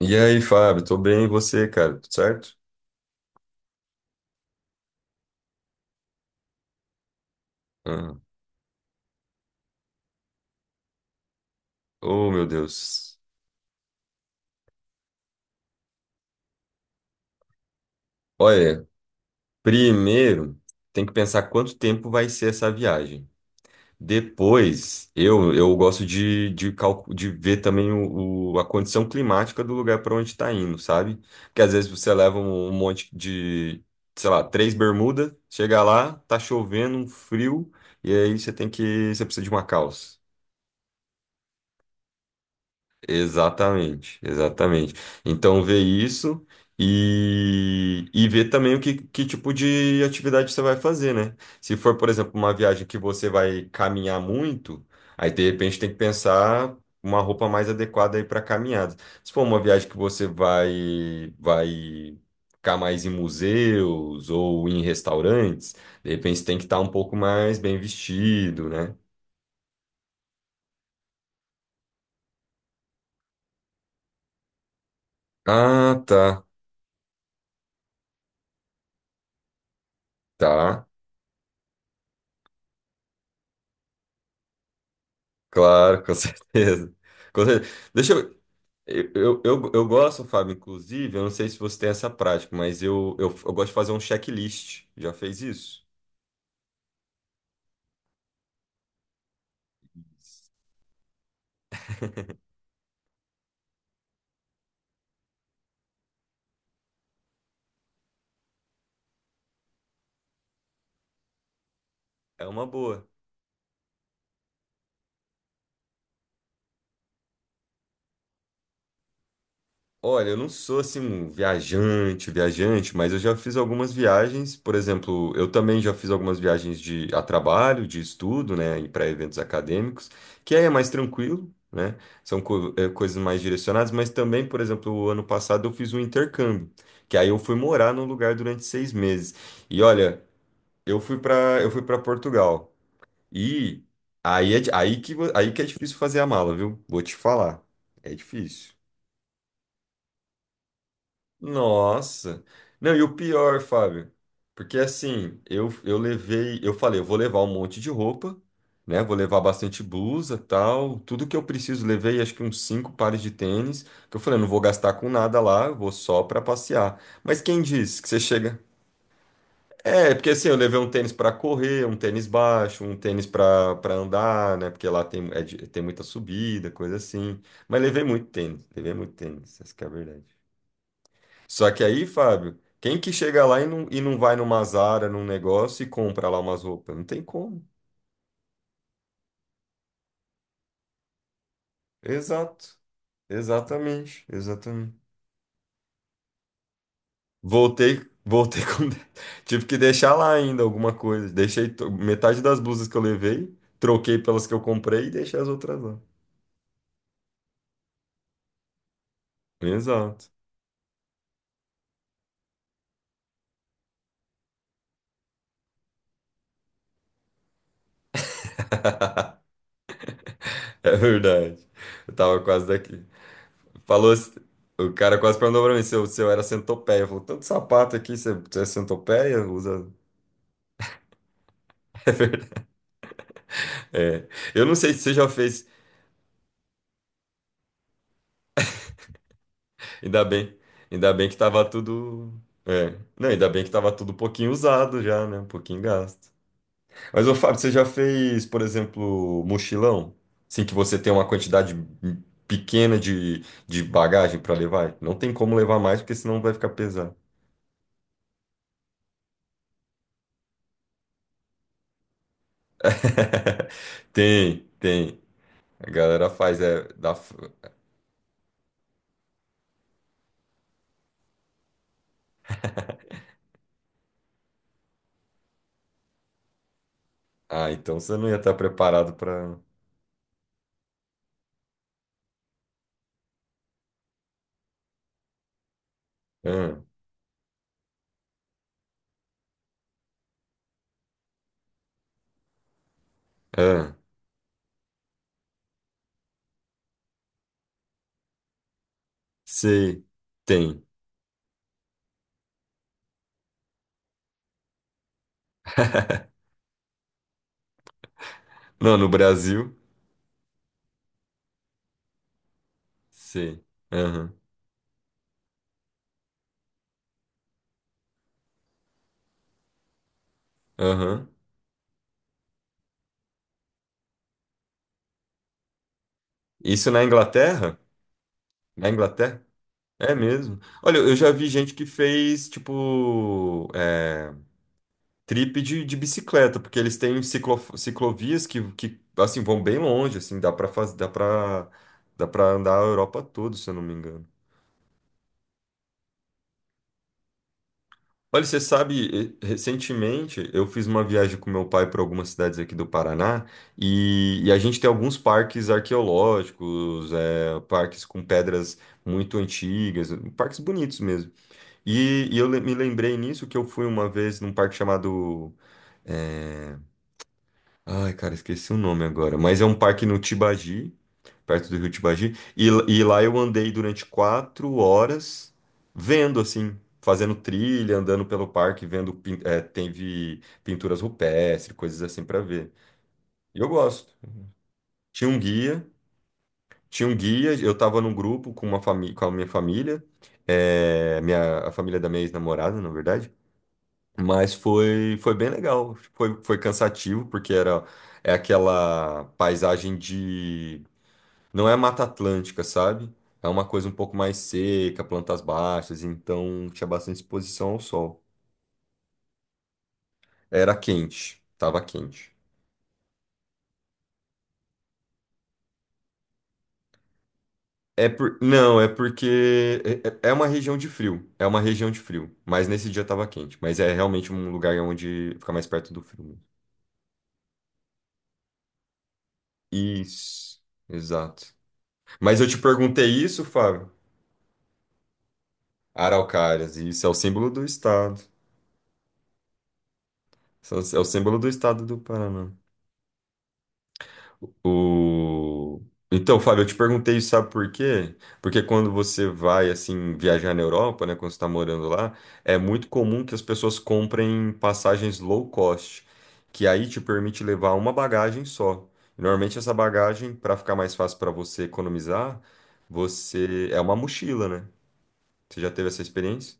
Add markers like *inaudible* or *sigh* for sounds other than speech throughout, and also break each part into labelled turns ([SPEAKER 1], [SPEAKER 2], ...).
[SPEAKER 1] E aí, Fábio, tô bem, e você, cara? Tudo certo? Ah, oh, meu Deus. Olha, primeiro tem que pensar quanto tempo vai ser essa viagem. Depois, eu gosto de ver também a condição climática do lugar para onde está indo, sabe? Porque às vezes você leva um monte de, sei lá, três bermudas, chega lá, tá chovendo, um frio, e aí você precisa de uma calça. Exatamente, exatamente. Então, ver isso e ver também que tipo de atividade você vai fazer, né? Se for, por exemplo, uma viagem que você vai caminhar muito, aí de repente tem que pensar uma roupa mais adequada aí para caminhada. Se for uma viagem que você vai ficar mais em museus ou em restaurantes, de repente tem que estar um pouco mais bem vestido, né? Ah, tá, tá. Claro, com *laughs* certeza. Com certeza. Deixa eu. Eu gosto, Fábio, inclusive, eu não sei se você tem essa prática, mas eu gosto de fazer um checklist. Já fez isso? É uma boa. Olha, eu não sou assim um viajante, viajante, mas eu já fiz algumas viagens. Por exemplo, eu também já fiz algumas viagens de a trabalho, de estudo, né, e para eventos acadêmicos, que aí é mais tranquilo, né? São coisas mais direcionadas, mas também, por exemplo, o ano passado eu fiz um intercâmbio, que aí eu fui morar num lugar durante 6 meses. E olha, eu fui para Portugal. E aí que é difícil fazer a mala, viu? Vou te falar. É difícil. Nossa. Não, e o pior, Fábio, porque assim, eu falei, eu vou levar um monte de roupa, né? Vou levar bastante blusa, tal, tudo que eu preciso, levei acho que uns cinco pares de tênis, que eu falei, não vou gastar com nada lá, eu vou só pra passear. Mas quem disse que você chega? É, porque assim, eu levei um tênis pra correr, um tênis baixo, um tênis pra para andar, né? Porque lá tem muita subida, coisa assim. Mas levei muito tênis, essa que é a verdade. Só que aí, Fábio, quem que chega lá e não vai numa Zara, num negócio e compra lá umas roupas? Não tem como. Exato. Exatamente. Exatamente. Voltei, voltei com. *laughs* Tive que deixar lá ainda alguma coisa. Deixei metade das blusas que eu levei, troquei pelas que eu comprei e deixei as outras lá. Exato. *laughs* É verdade. Eu tava quase daqui. Falou. O cara quase perguntou pra mim se eu era centopeia. Falou, tanto sapato aqui, você é centopeia? Usa. *laughs* É verdade. É. Eu não sei se você já fez. Ainda bem. Ainda bem que tava tudo. É. Não, ainda bem que tava tudo um pouquinho usado já, né? Um pouquinho gasto. Mas, ô Fábio, você já fez, por exemplo, mochilão? Assim que você tem uma quantidade pequena de bagagem para levar? Não tem como levar mais, porque senão vai ficar pesado. *laughs* Tem, tem. A galera faz, é. Dá Ah, então você não ia estar preparado para. Ah, ah, sei. Tem. Não, no Brasil. Sei. Aham. Aham. Isso na Inglaterra? Na Inglaterra? É mesmo. Olha, eu já vi gente que fez, tipo, trip de bicicleta, porque eles têm ciclovias que, assim, vão bem longe, assim, dá pra fazer, dá pra andar a Europa toda, se eu não me engano. Olha, você sabe, recentemente eu fiz uma viagem com meu pai para algumas cidades aqui do Paraná e a gente tem alguns parques arqueológicos, parques com pedras muito antigas, parques bonitos mesmo. E me lembrei nisso que eu fui uma vez num parque chamado é, Ai, cara, esqueci o nome agora. Mas é um parque no Tibagi, perto do Rio Tibagi. E lá eu andei durante 4 horas vendo, assim, fazendo trilha, andando pelo parque, teve pinturas rupestres, coisas assim pra ver. E eu gosto. Tinha um guia, tinha um guia, eu tava num grupo com a minha família, a família da minha ex-namorada, na verdade. Mas foi bem legal. Foi cansativo, porque é aquela paisagem de. Não é Mata Atlântica, sabe? É uma coisa um pouco mais seca, plantas baixas, então tinha bastante exposição ao sol. Era quente, tava quente. Não, é porque é uma região de frio. É uma região de frio. Mas nesse dia tava quente. Mas é realmente um lugar onde fica mais perto do frio mesmo. Isso, exato. Mas eu te perguntei isso, Fábio. Araucárias, e isso é o símbolo do estado. Isso é o símbolo do estado do Paraná. O... Então, Fábio, eu te perguntei isso, sabe por quê? Porque quando você vai, assim, viajar na Europa, né, quando você está morando lá, é muito comum que as pessoas comprem passagens low cost, que aí te permite levar uma bagagem só. Normalmente essa bagagem, para ficar mais fácil para você economizar, você é uma mochila, né? Você já teve essa experiência?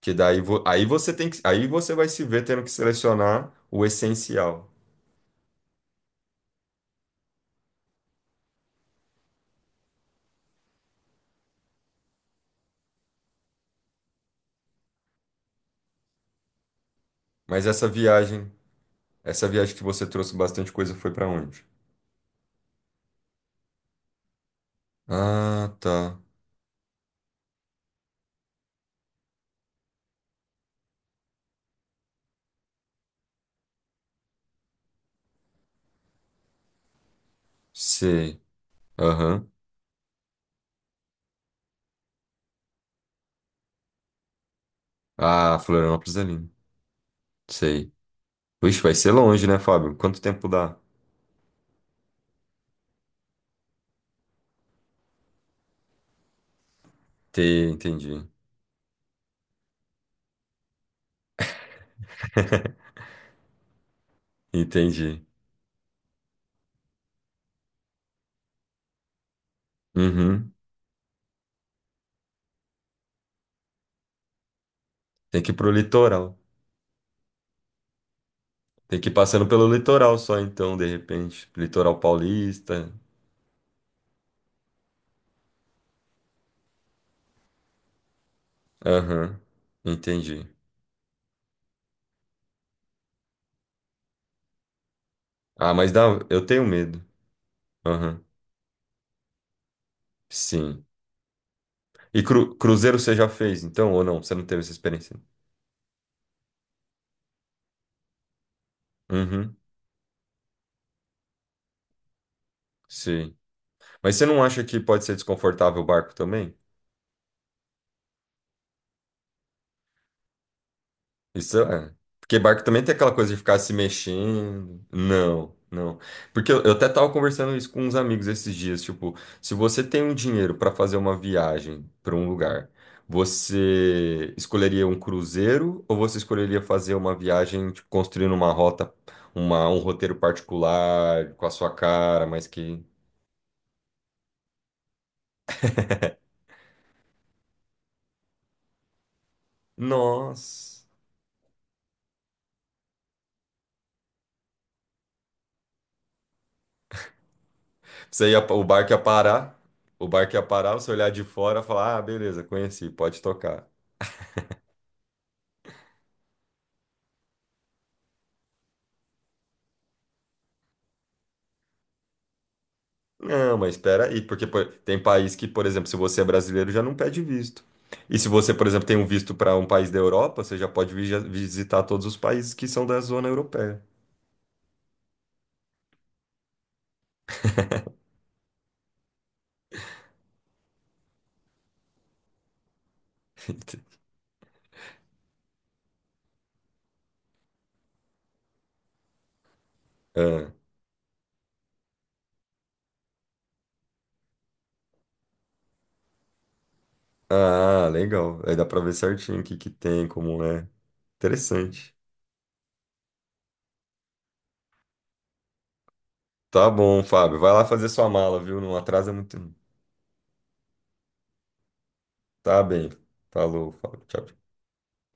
[SPEAKER 1] Que daí vo- aí você tem que, Aí você vai se ver tendo que selecionar o essencial. Mas essa viagem que você trouxe bastante coisa foi pra onde? Ah, tá. Sei. Aham. Ah, Florianópolis é lindo. Sei. Vixe, vai ser longe, né, Fábio? Quanto tempo dá? Te, Entendi. Entendi. Uhum. Tem que ir pro litoral. Tem que ir passando pelo litoral só então, de repente. Litoral paulista. Aham. Entendi. Ah, mas dá, eu tenho medo. Aham. Sim. E cruzeiro você já fez, então, ou não? Você não teve essa experiência? Uhum, sim. Mas você não acha que pode ser desconfortável o barco também? Isso é. Porque barco também tem aquela coisa de ficar se mexendo. Não, não. Porque eu até tava conversando isso com uns amigos esses dias. Tipo, se você tem um dinheiro para fazer uma viagem para um lugar, você escolheria um cruzeiro ou você escolheria fazer uma viagem, tipo, construindo uma rota, um roteiro particular com a sua cara, mas que. Nossa. Você ia, o barco ia parar, O barco ia parar, você olhar de fora e falar, ah, beleza, conheci, pode tocar. Não, mas espera aí, porque pô, tem país que, por exemplo, se você é brasileiro, já não pede visto. E se você, por exemplo, tem um visto para um país da Europa, você já pode visitar todos os países que são da zona europeia. *laughs* Ah, ah, legal. Aí dá para ver certinho o que que tem, como é. Interessante. Tá bom, Fábio. Vai lá fazer sua mala, viu? Não atrasa muito, não. Tá bem. Falou, Fábio. Tchau, tchau.